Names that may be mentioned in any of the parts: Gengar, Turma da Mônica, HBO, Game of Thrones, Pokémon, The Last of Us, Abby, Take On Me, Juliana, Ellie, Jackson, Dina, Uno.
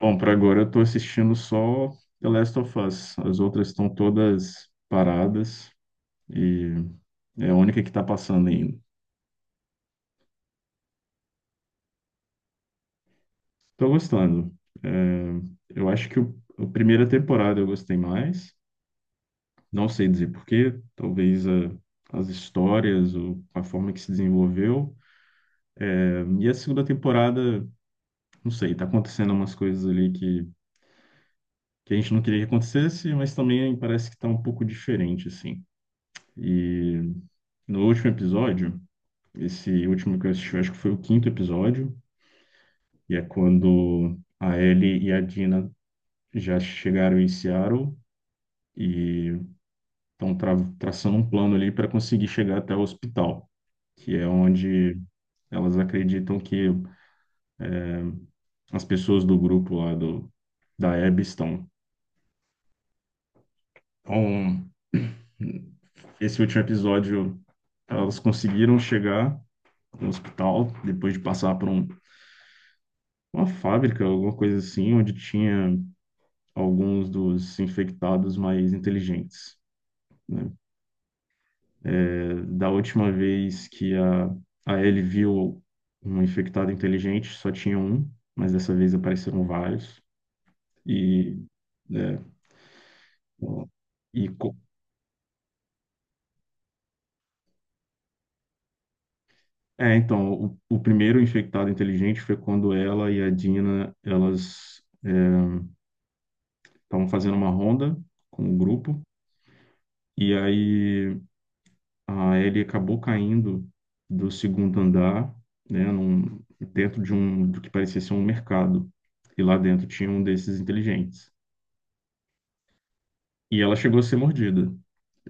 Bom, para agora eu tô assistindo só The Last of Us. As outras estão todas paradas e é a única que tá passando ainda. Tô gostando. É, eu acho que a primeira temporada eu gostei mais. Não sei dizer porquê. As histórias ou a forma que se desenvolveu. É, e a segunda temporada, não sei, tá acontecendo umas coisas ali que a gente não queria que acontecesse, mas também parece que tá um pouco diferente, assim. E no último episódio. Esse último que eu assisti, eu acho que foi o quinto episódio, e é quando a Ellie e a Dina já chegaram em Seattle e estão traçando um plano ali para conseguir chegar até o hospital, que é onde elas acreditam que as pessoas do grupo da Abby estão. Então, esse último episódio, elas conseguiram chegar no hospital depois de passar por uma fábrica, alguma coisa assim, onde tinha alguns dos infectados mais inteligentes, né? Da última vez que a Ellie viu um infectado inteligente, só tinha um, mas dessa vez apareceram vários. E, é, e co- é, então, o primeiro infectado inteligente foi quando ela e a Dina, elas estavam fazendo uma ronda com o grupo, e aí ah, ele acabou caindo do segundo andar, né, dentro de um do que parecia ser um mercado. E lá dentro tinha um desses inteligentes. E ela chegou a ser mordida.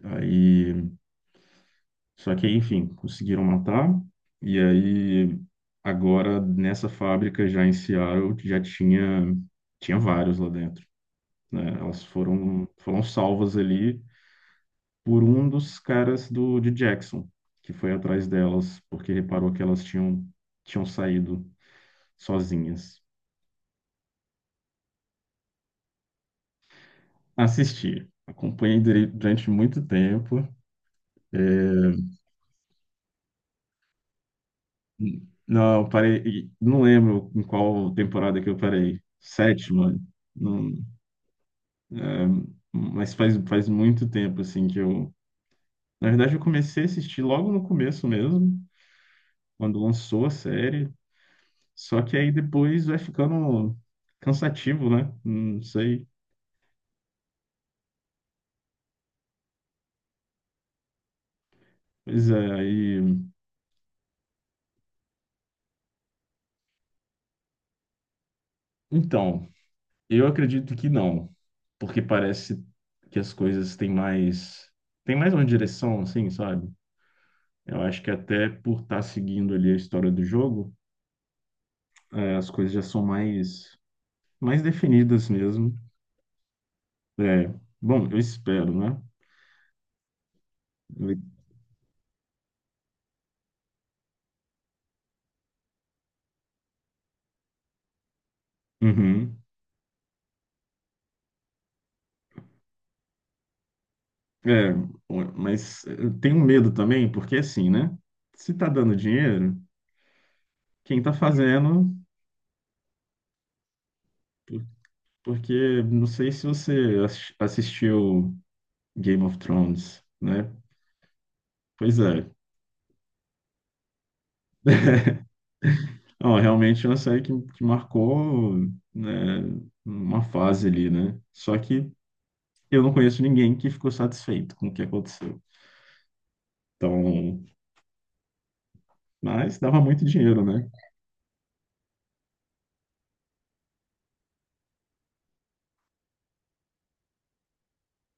Aí, só que, enfim, conseguiram matar. E aí, agora nessa fábrica já em Seattle já tinha tinha vários lá dentro, né? Elas foram salvas ali por um dos caras de Jackson, que foi atrás delas, porque reparou que elas tinham saído sozinhas. Assisti, acompanhei durante muito tempo. Não, eu parei, e não lembro em qual temporada que eu parei. Sétima, não, mas faz muito tempo assim que eu. Na verdade, eu comecei a assistir logo no começo mesmo, quando lançou a série. Só que aí depois vai ficando cansativo, né? Não sei. Pois é, aí então, eu acredito que não, porque parece que as coisas têm mais uma direção, assim, sabe? Eu acho que até por estar seguindo ali a história do jogo, eh, as coisas já são mais definidas mesmo. É, bom, eu espero, né? Eu- Uhum. É, mas eu tenho medo também, porque assim, né? Se tá dando dinheiro, quem tá fazendo? Porque não sei se você assistiu Game of Thrones, né? Pois é, não, é realmente é uma série que marcou, né, uma fase ali, né? Só que eu não conheço ninguém que ficou satisfeito com o que aconteceu. Então, mas dava muito dinheiro, né?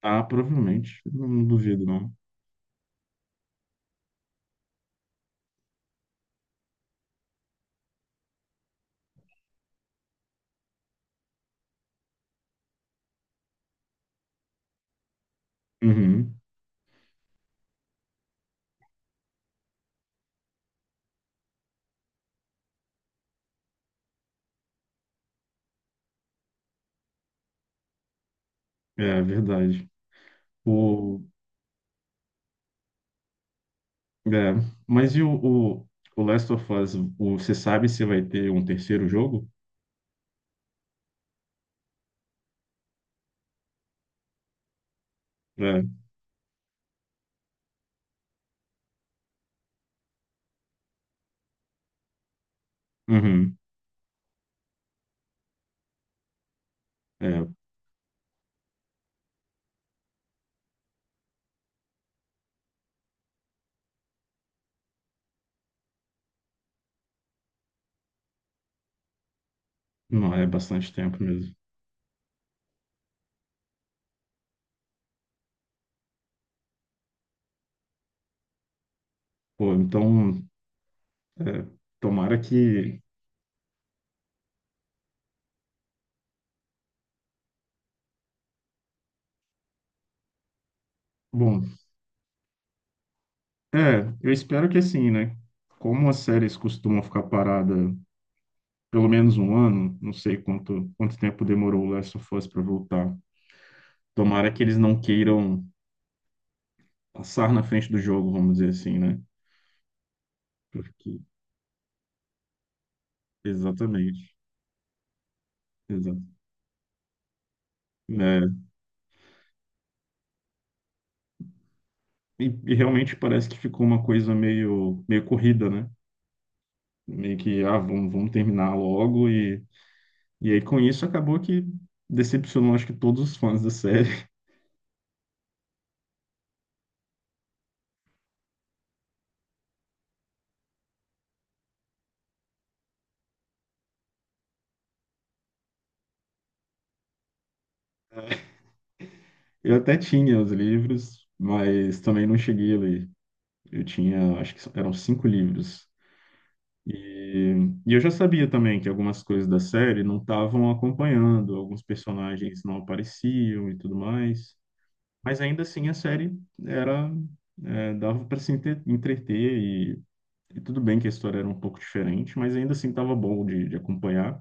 Ah, provavelmente, não duvido, não. Uhum, é verdade. O, é, mas o, o Last of Us, o, você sabe se vai ter um terceiro jogo? É, uhum, é, não, é bastante tempo mesmo. Pô, então, é, tomara que. Bom, é, eu espero que assim, né? Como as séries costumam ficar parada pelo menos um ano, não sei quanto tempo demorou o Last of Us para voltar. Tomara que eles não queiram passar na frente do jogo, vamos dizer assim, né? Porque, exatamente, exato. É, e realmente parece que ficou uma coisa meio corrida, né? Meio que, ah, vamos terminar logo. E aí com isso acabou que decepcionou, acho que todos os fãs da série. Eu até tinha os livros, mas também não cheguei a ler. Eu tinha, acho que eram 5 livros. E, e eu já sabia também que algumas coisas da série não estavam acompanhando, alguns personagens não apareciam e tudo mais. Mas ainda assim a série era, é, dava para se entreter e tudo bem que a história era um pouco diferente, mas ainda assim estava bom de acompanhar.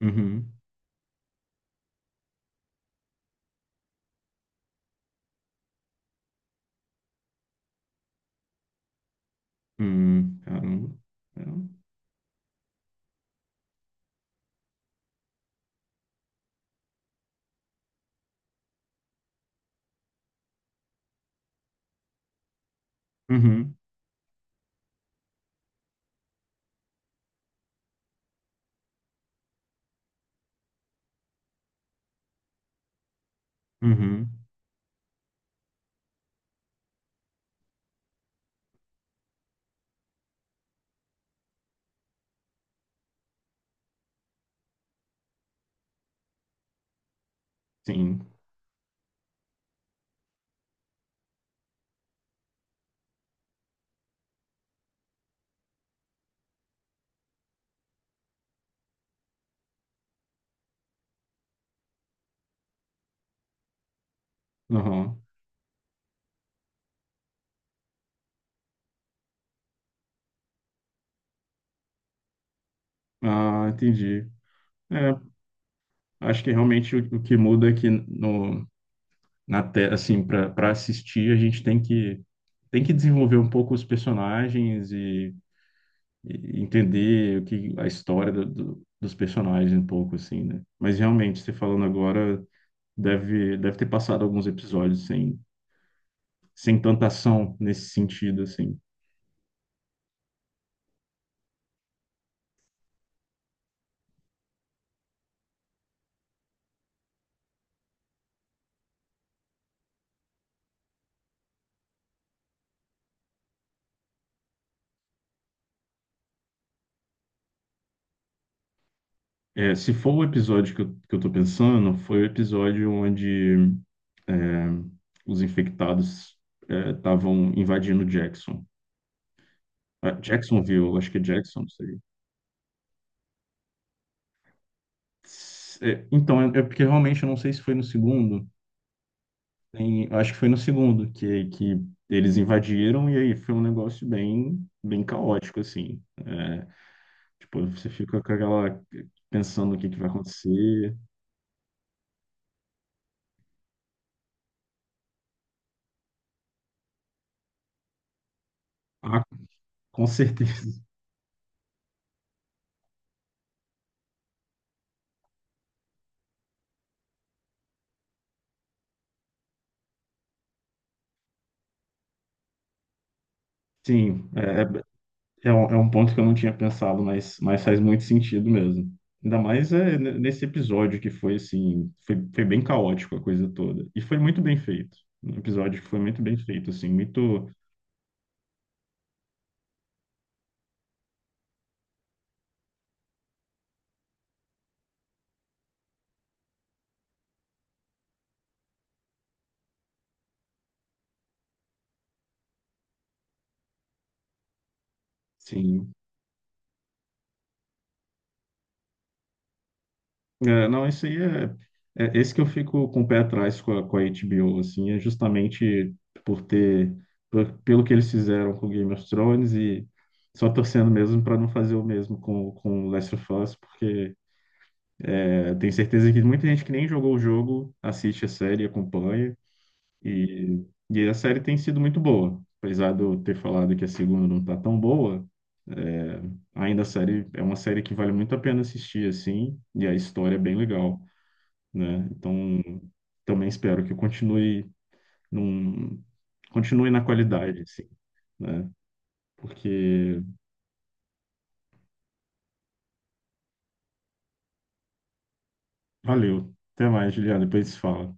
Uhum, uhum, caramba. É, uhum, uhum, sim. Aham. Ah, entendi. É, acho que realmente o que muda é que no, na te, assim, para assistir, a gente tem que desenvolver um pouco os personagens e entender o que a história dos personagens um pouco assim, né? Mas realmente, você falando agora, deve ter passado alguns episódios sem tanta ação nesse sentido assim. É, se for o episódio que que eu tô pensando, foi o episódio onde é, os infectados é, estavam invadindo Jackson. Ah, Jacksonville, eu acho que é Jackson, não sei. É, então, é, é porque realmente eu não sei se foi no segundo. Eu acho que foi no segundo que eles invadiram e aí foi um negócio bem caótico, assim. É, tipo, você fica com aquela... pensando o que que vai acontecer. Ah, com certeza. Sim, é é um, é um ponto que eu não tinha pensado, mas faz muito sentido mesmo. Ainda mais é, nesse episódio que foi assim, foi bem caótico a coisa toda. E foi muito bem feito. Um episódio que foi muito bem feito, assim, muito, sim. É, não, isso aí é, é esse que eu fico com o pé atrás com a HBO, assim, é justamente por ter, pelo que eles fizeram com Game of Thrones e só torcendo mesmo para não fazer o mesmo com Last of Us, porque eu tenho certeza que muita gente que nem jogou o jogo assiste a série, acompanha, e a série tem sido muito boa. Apesar de eu ter falado que a segunda não tá tão boa, é, ainda a série é uma série que vale muito a pena assistir, assim, e a história é bem legal, né? Então, também espero que continue num, continue na qualidade, assim, né? Porque valeu. Até mais, Juliana, depois se fala.